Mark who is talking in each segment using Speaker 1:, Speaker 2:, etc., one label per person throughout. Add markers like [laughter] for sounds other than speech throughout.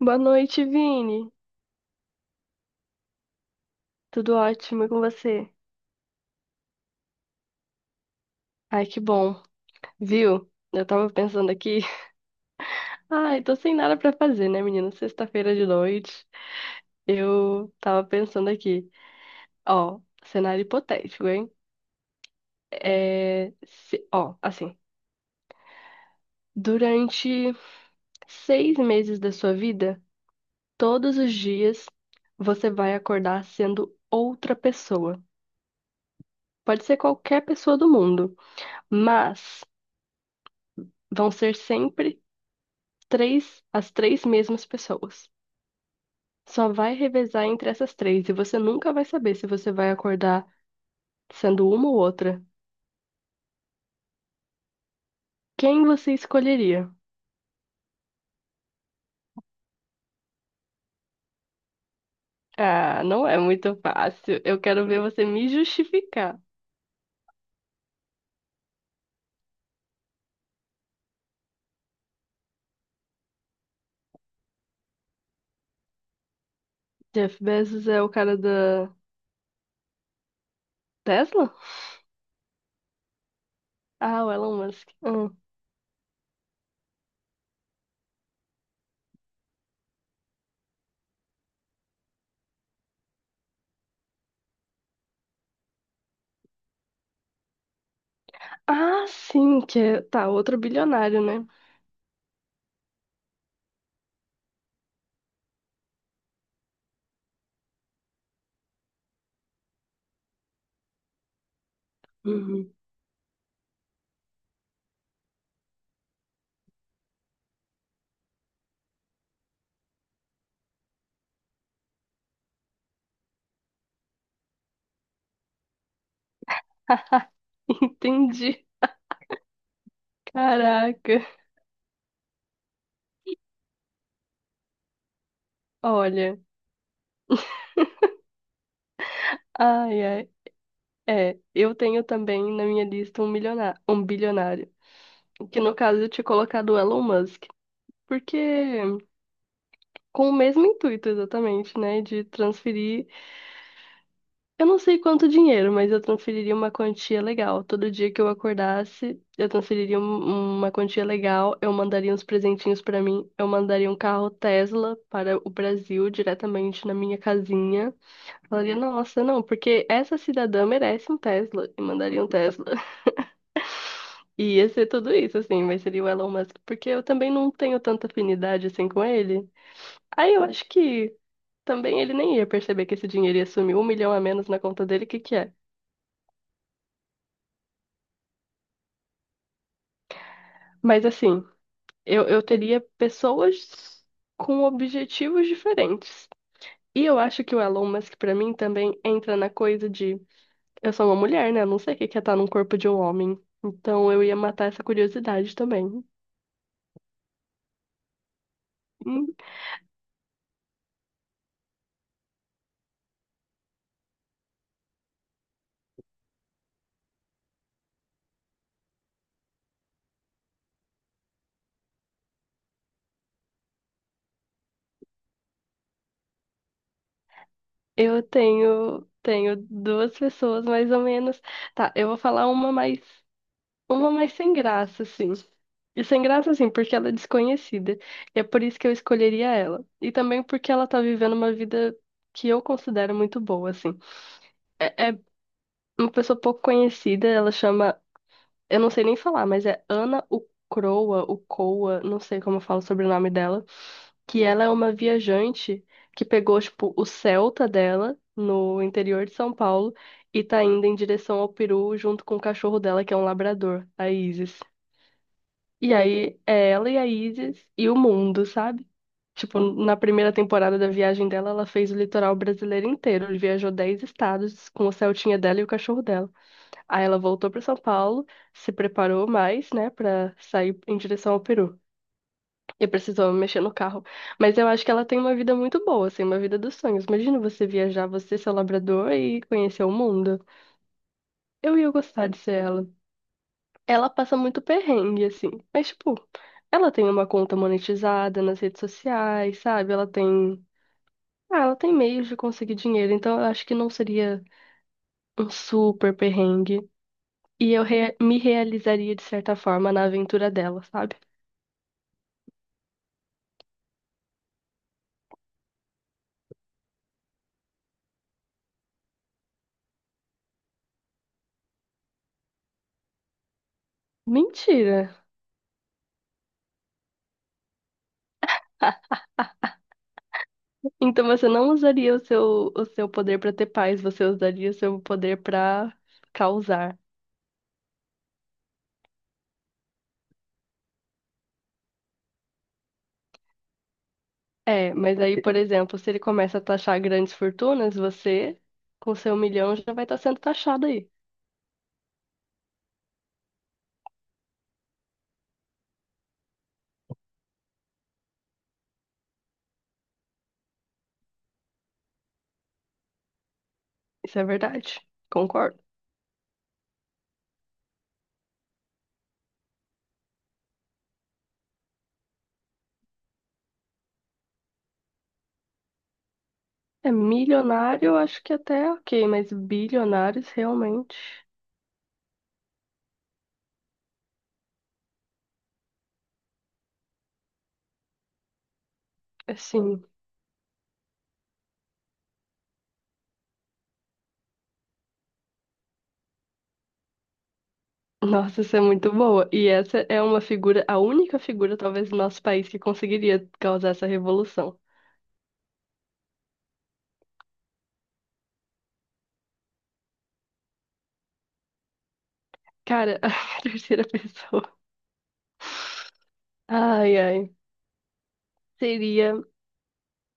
Speaker 1: Boa noite, Vini. Tudo ótimo e com você? Ai, que bom. Viu? Eu tava pensando aqui. [laughs] Ai, tô sem nada pra fazer, né, menino? Sexta-feira de noite. Eu tava pensando aqui. Ó, cenário hipotético, hein? Ó, assim. Durante 6 meses da sua vida, todos os dias, você vai acordar sendo outra pessoa. Pode ser qualquer pessoa do mundo, mas vão ser sempre três, as três mesmas pessoas. Só vai revezar entre essas três e você nunca vai saber se você vai acordar sendo uma ou outra. Quem você escolheria? Ah, não é muito fácil. Eu quero ver você me justificar. Jeff Bezos é o cara da Tesla? Ah, o Elon Musk. Hum. Ah, sim, que tá, outro bilionário, né? Uhum. [laughs] Entendi. Caraca. Olha. Ai, ai. É, eu tenho também na minha lista um milionário, um bilionário, que no caso eu tinha colocado o Elon Musk, porque com o mesmo intuito exatamente, né, de transferir, eu não sei quanto dinheiro, mas eu transferiria uma quantia legal. Todo dia que eu acordasse, eu transferiria uma quantia legal, eu mandaria uns presentinhos pra mim, eu mandaria um carro Tesla para o Brasil diretamente na minha casinha. Falaria, nossa, não, porque essa cidadã merece um Tesla e mandaria um Tesla. E ia ser tudo isso, assim, mas seria o Elon Musk, porque eu também não tenho tanta afinidade assim com ele. Aí eu acho que também ele nem ia perceber que esse dinheiro ia sumir um milhão a menos na conta dele, que é? Mas assim, eu teria pessoas com objetivos diferentes. E eu acho que o Elon Musk, pra mim, também entra na coisa de eu sou uma mulher, né? Eu não sei o que que é estar num corpo de um homem. Então eu ia matar essa curiosidade também. Eu tenho, tenho duas pessoas mais ou menos. Tá, eu vou falar uma mais sem graça, assim. E sem graça, assim, porque ela é desconhecida. E é por isso que eu escolheria ela. E também porque ela tá vivendo uma vida que eu considero muito boa, assim. É, é uma pessoa pouco conhecida, ela chama eu não sei nem falar, mas é Ana Ucroa, Ucoa, não sei como eu falo sobre o sobrenome dela, que ela é uma viajante que pegou, tipo, o Celta dela no interior de São Paulo e tá indo em direção ao Peru junto com o cachorro dela, que é um labrador, a Isis. E aí é ela e a Isis e o mundo, sabe? Tipo, na primeira temporada da viagem dela, ela fez o litoral brasileiro inteiro. Viajou 10 estados com o Celtinha dela e o cachorro dela. Aí ela voltou para São Paulo, se preparou mais, né, para sair em direção ao Peru. E precisou mexer no carro. Mas eu acho que ela tem uma vida muito boa, assim, uma vida dos sonhos. Imagina você viajar, você ser labrador e conhecer o mundo. Eu ia gostar de ser ela. Ela passa muito perrengue, assim. Mas, tipo, ela tem uma conta monetizada nas redes sociais, sabe? Ela tem. Ah, ela tem meios de conseguir dinheiro, então eu acho que não seria um super perrengue. E eu re- me realizaria de certa forma na aventura dela, sabe? Mentira! [laughs] Então você não usaria o seu poder pra ter paz, você usaria o seu poder pra causar. É, mas aí, por exemplo, se ele começa a taxar grandes fortunas, você, com seu milhão, já vai estar sendo taxado aí. Isso é verdade. Concordo. É, milionário, eu acho que até é ok, mas bilionários realmente, assim. Nossa, isso é muito boa. E essa é uma figura, a única figura, talvez, do nosso país que conseguiria causar essa revolução. Cara, [laughs] a terceira pessoa. Ai, ai. Seria.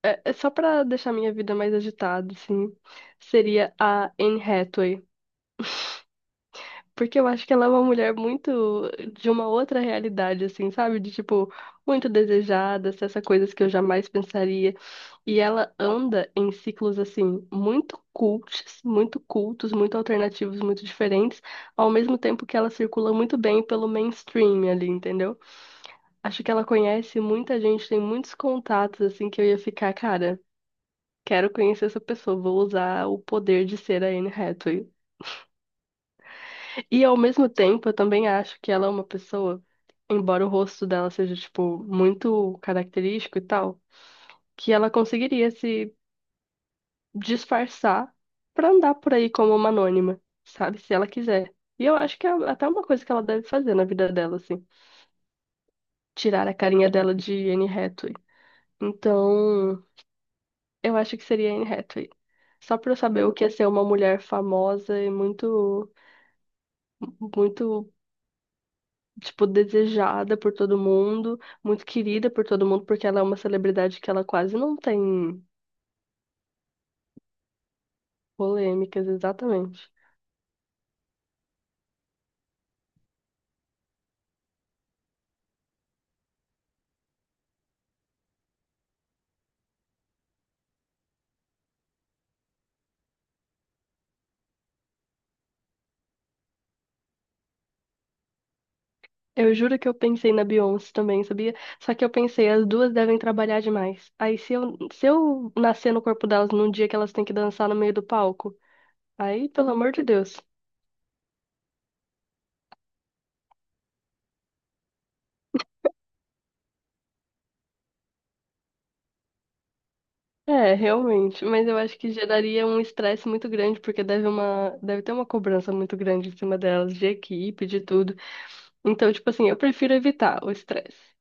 Speaker 1: É, é só pra deixar minha vida mais agitada, assim. Seria a Anne Hathaway. [laughs] Porque eu acho que ela é uma mulher muito de uma outra realidade, assim, sabe? De tipo, muito desejada, essas coisas que eu jamais pensaria. E ela anda em ciclos, assim, muito cults, muito cultos, muito alternativos, muito diferentes, ao mesmo tempo que ela circula muito bem pelo mainstream ali, entendeu? Acho que ela conhece muita gente, tem muitos contatos, assim, que eu ia ficar, cara, quero conhecer essa pessoa, vou usar o poder de ser a Anne Hathaway. E ao mesmo tempo, eu também acho que ela é uma pessoa, embora o rosto dela seja, tipo, muito característico e tal, que ela conseguiria se disfarçar pra andar por aí como uma anônima, sabe? Se ela quiser. E eu acho que é até uma coisa que ela deve fazer na vida dela, assim, tirar a carinha dela de Anne Hathaway. Então. Eu acho que seria Anne Hathaway. Só pra eu saber o que é ser uma mulher famosa e muito, muito, tipo, desejada por todo mundo, muito querida por todo mundo, porque ela é uma celebridade que ela quase não tem polêmicas, exatamente. Eu juro que eu pensei na Beyoncé também, sabia? Só que eu pensei, as duas devem trabalhar demais. Aí se eu nascer no corpo delas num dia que elas têm que dançar no meio do palco, aí, pelo amor de Deus. É, realmente, mas eu acho que geraria um estresse muito grande, porque deve ter uma cobrança muito grande em cima delas, de equipe, de tudo. Então, tipo assim, eu prefiro evitar o estresse.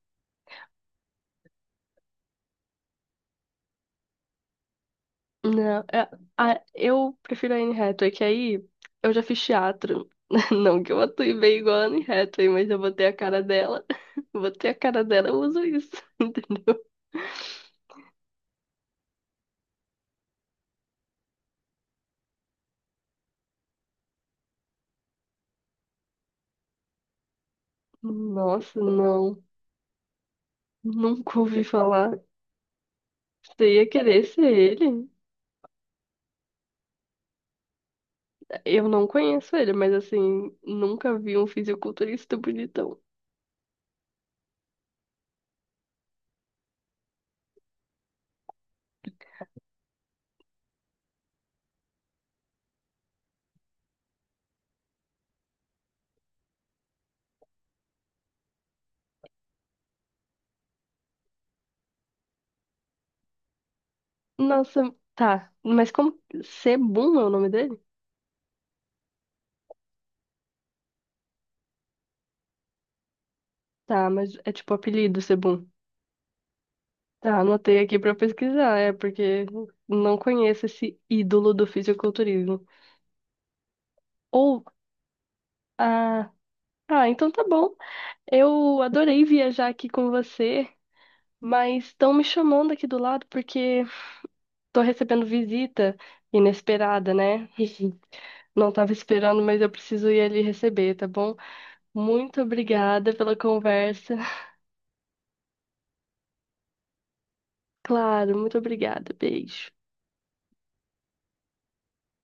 Speaker 1: Não, é- a- Eu prefiro a Anne Hathaway, que aí eu já fiz teatro. [laughs] Não que eu atue bem igual a Anne Hathaway, mas eu botei a cara dela, [laughs] botei a cara dela, eu uso isso, [laughs] entendeu? Nossa, não, nunca ouvi falar. Você ia querer ser ele? Eu não conheço ele, mas assim, nunca vi um fisiculturista bonitão. Nossa, tá. Mas como. Sebum é o nome dele? Tá, mas é tipo apelido Sebum. Tá, anotei aqui pra pesquisar, é, porque não conheço esse ídolo do fisiculturismo. Ou. Ah, ah, então tá bom. Eu adorei viajar aqui com você, mas estão me chamando aqui do lado porque tô recebendo visita inesperada, né? [laughs] Não tava esperando, mas eu preciso ir ali receber, tá bom? Muito obrigada pela conversa. [laughs] Claro, muito obrigada. Beijo.